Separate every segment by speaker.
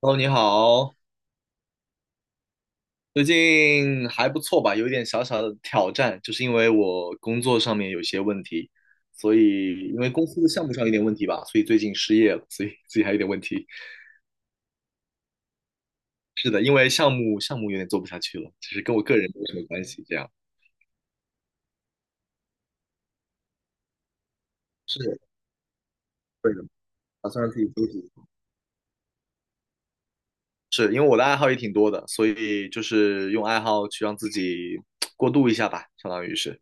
Speaker 1: 哦，你好。最近还不错吧？有一点小小的挑战，就是因为我工作上面有些问题，所以因为公司的项目上有点问题吧，所以最近失业了，所以自己还有点问题。是的，因为项目有点做不下去了，其实跟我个人没什么关系。这样是对的，打算让自己休息。是因为我的爱好也挺多的，所以就是用爱好去让自己过渡一下吧，相当于是。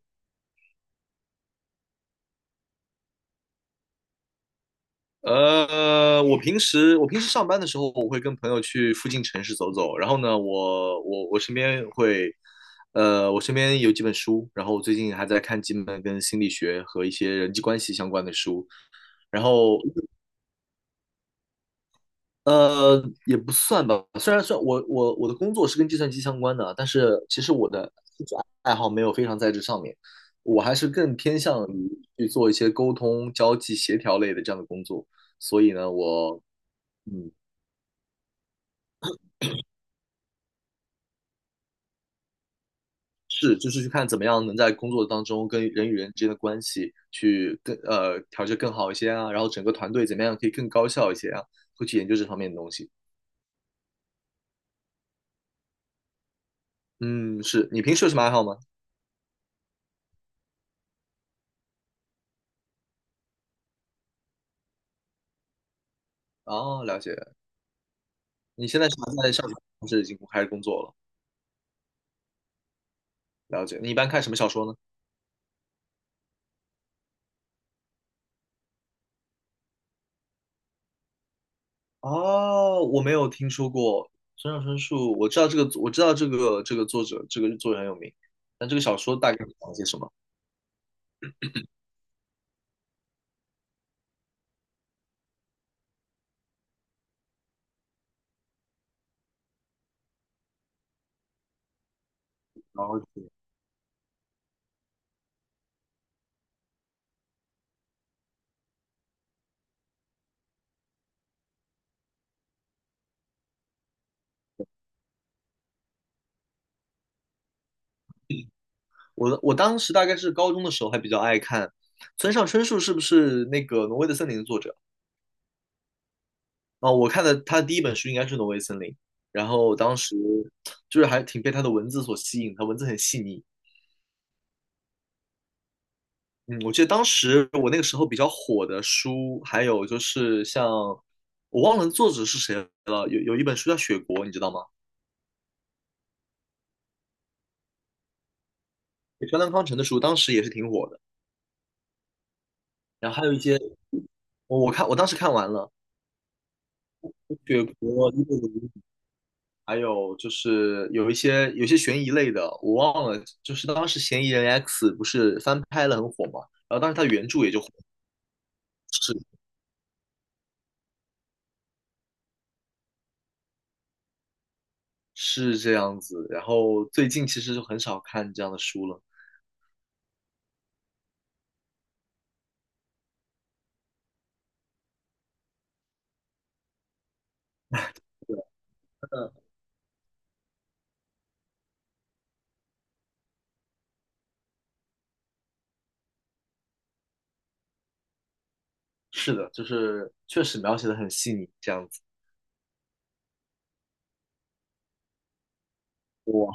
Speaker 1: 我平时上班的时候，我会跟朋友去附近城市走走。然后呢，我身边会，我身边有几本书，然后我最近还在看几本跟心理学和一些人际关系相关的书。然后，呃，也不算吧，虽然算我的工作是跟计算机相关的，但是其实我的兴趣爱好没有非常在这上面，我还是更偏向于去做一些沟通、交际、协调类的这样的工作。所以呢，我嗯。是，就是去看怎么样能在工作当中跟人与人之间的关系去更调节更好一些啊，然后整个团队怎么样可以更高效一些啊，会去研究这方面的东西。嗯，是你平时有什么爱好吗？哦，了解。你现在是还在上学，还是已经开始工作了？了解。你一般看什么小说呢？哦，我没有听说过村上春树，我知道这个，我知道这个作者，这个作者很有名，但这个小说大概讲些什么？然后我当时大概是高中的时候还比较爱看村上春树，是不是那个《挪威的森林》的作者？啊，我看的他的第一本书应该是《挪威森林》，然后当时就是还挺被他的文字所吸引，他文字很细腻。嗯，我记得当时我那个时候比较火的书，还有就是像我忘了作者是谁了，有一本书叫《雪国》，你知道吗？川端康成的书，当时也是挺火的。然后还有一些，我当时看完了《雪国》《一六零》，还有就是有一些悬疑类的，我忘了，就是当时《嫌疑人 X》不是翻拍了很火嘛，然后当时它原著也就火。是是这样子，然后最近其实就很少看这样的书了。是的，就是确实描写的很细腻，这样子。哇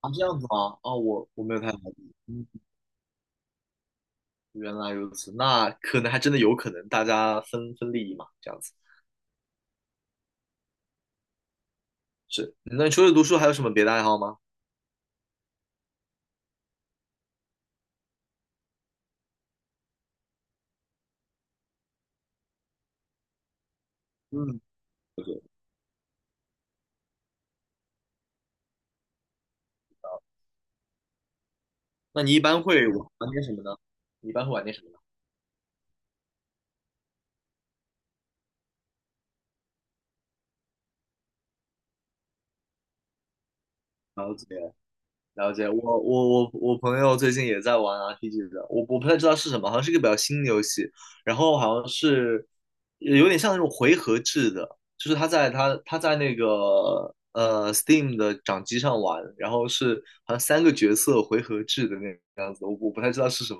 Speaker 1: 啊，这样子吗？啊，我没有太了解。嗯，原来如此，那可能还真的有可能大家分分利益嘛，这样子。是，那你除了读书还有什么别的爱好吗？嗯，那你一般会玩玩点什么呢？你一般会玩点什么？了解了解，我朋友最近也在玩 RPG 的，我不太知道是什么，好像是一个比较新的游戏，然后好像是有点像那种回合制的，就是他在他在那个Steam 的掌机上玩，然后是好像三个角色回合制的那个样子，我不太知道是什么。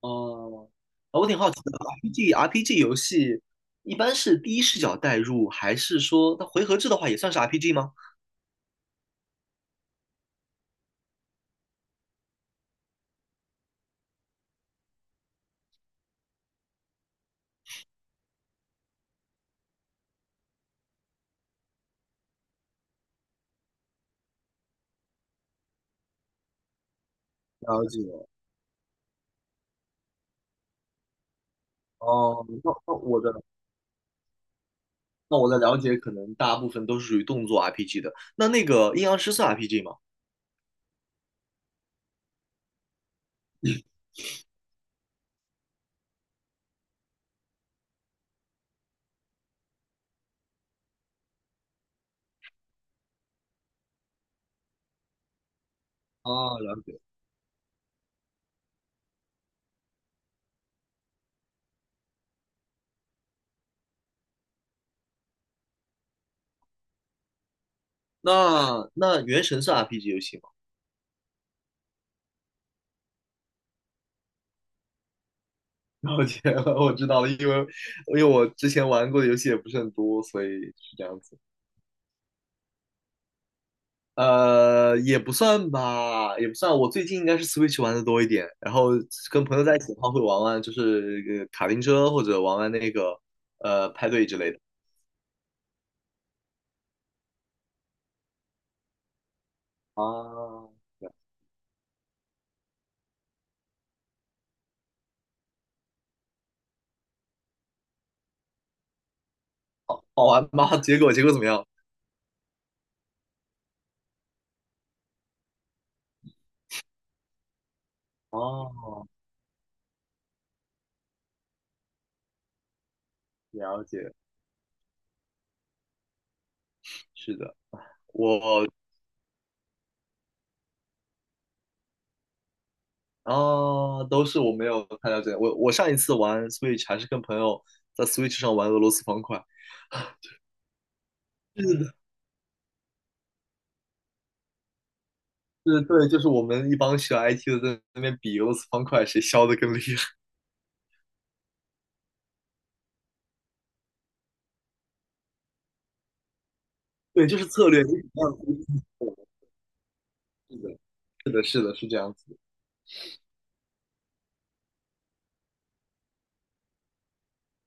Speaker 1: 哦，啊我挺好奇的，RPG 游戏一般是第一视角代入，还是说它回合制的话也算是 RPG 吗？了解。哦，那那我的了解可能大部分都是属于动作 RPG 的。那那个阴阳师是 RPG 吗？啊，了解。那那原神是 RPG 游戏吗？了解了我知道了，因为我之前玩过的游戏也不是很多，所以是这样子。也不算吧，也不算。我最近应该是 Switch 玩的多一点，然后跟朋友在一起的话会玩玩，就是卡丁车或者玩玩那个派对之类的。啊，好玩吗？结果怎么样？哦，了解，是的。我啊，都是我没有太了解。我上一次玩 Switch 还是跟朋友在 Switch 上玩俄罗斯方块。是的，是，对，就是我们一帮学 IT 的在那边比俄罗斯方块谁削的更厉害。对，就是策略。是的，是的，是的，是这样子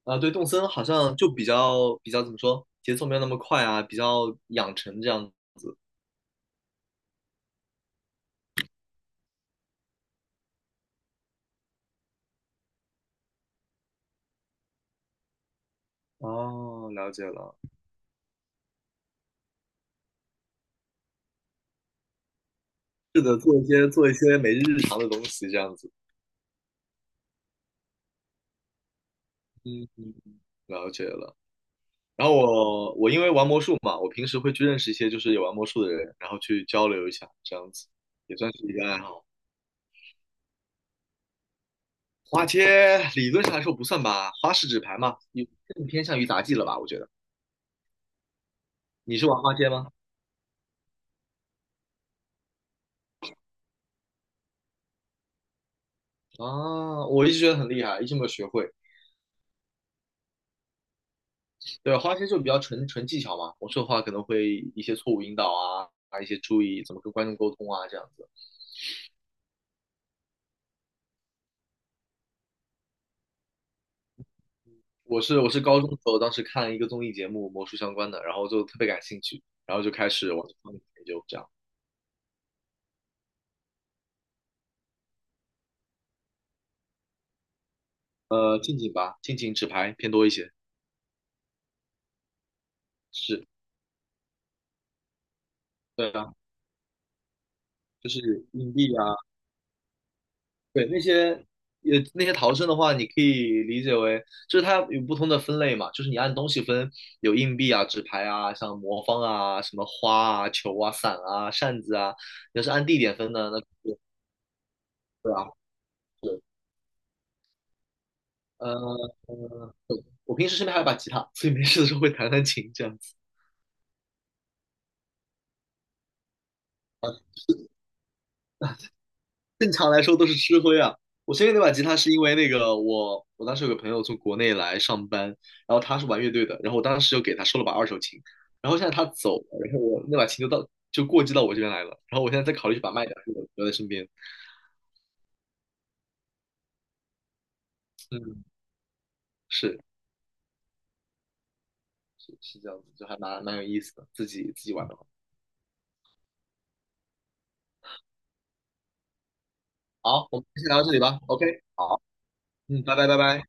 Speaker 1: 的啊，对，动森好像就比较怎么说，节奏没有那么快啊，比较养成这样。哦，了解了。是的，做一些每日日常的东西这样子。嗯，嗯了解了。然后我因为玩魔术嘛，我平时会去认识一些就是也玩魔术的人，然后去交流一下，这样子也算是一个爱好。花街理论上来说不算吧，花式纸牌嘛，你更偏向于杂技了吧？我觉得你是玩花街吗？啊，我一直觉得很厉害，一直没有学会。对，花街就比较纯技巧嘛，魔术的话可能会一些错误引导啊，啊一些注意怎么跟观众沟通啊这样子。我是高中的时候，当时看了一个综艺节目，魔术相关的，然后就特别感兴趣，然后就开始往这方面研究这样。近景吧，近景纸牌偏多一些。是，对啊，就是硬币啊，对那些也那些逃生的话，你可以理解为就是它有不同的分类嘛，就是你按东西分，有硬币啊、纸牌啊、像魔方啊、什么花啊、球啊、伞啊、扇子啊，要是按地点分呢，那对啊，是，呃，我平时身边还有把吉他，所以没事的时候会弹弹琴这样子。正常来说都是吃灰啊。我先给那把吉他是因为那个我当时有个朋友从国内来上班，然后他是玩乐队的，然后我当时就给他收了把二手琴，然后现在他走了，然后我那把琴就到就过继到我这边来了，然后我现在在考虑去把它卖掉，就留在身边。嗯，是是这样子，就还蛮有意思的，自己玩的话。好，我们先聊到这里吧。OK，好，嗯，拜拜。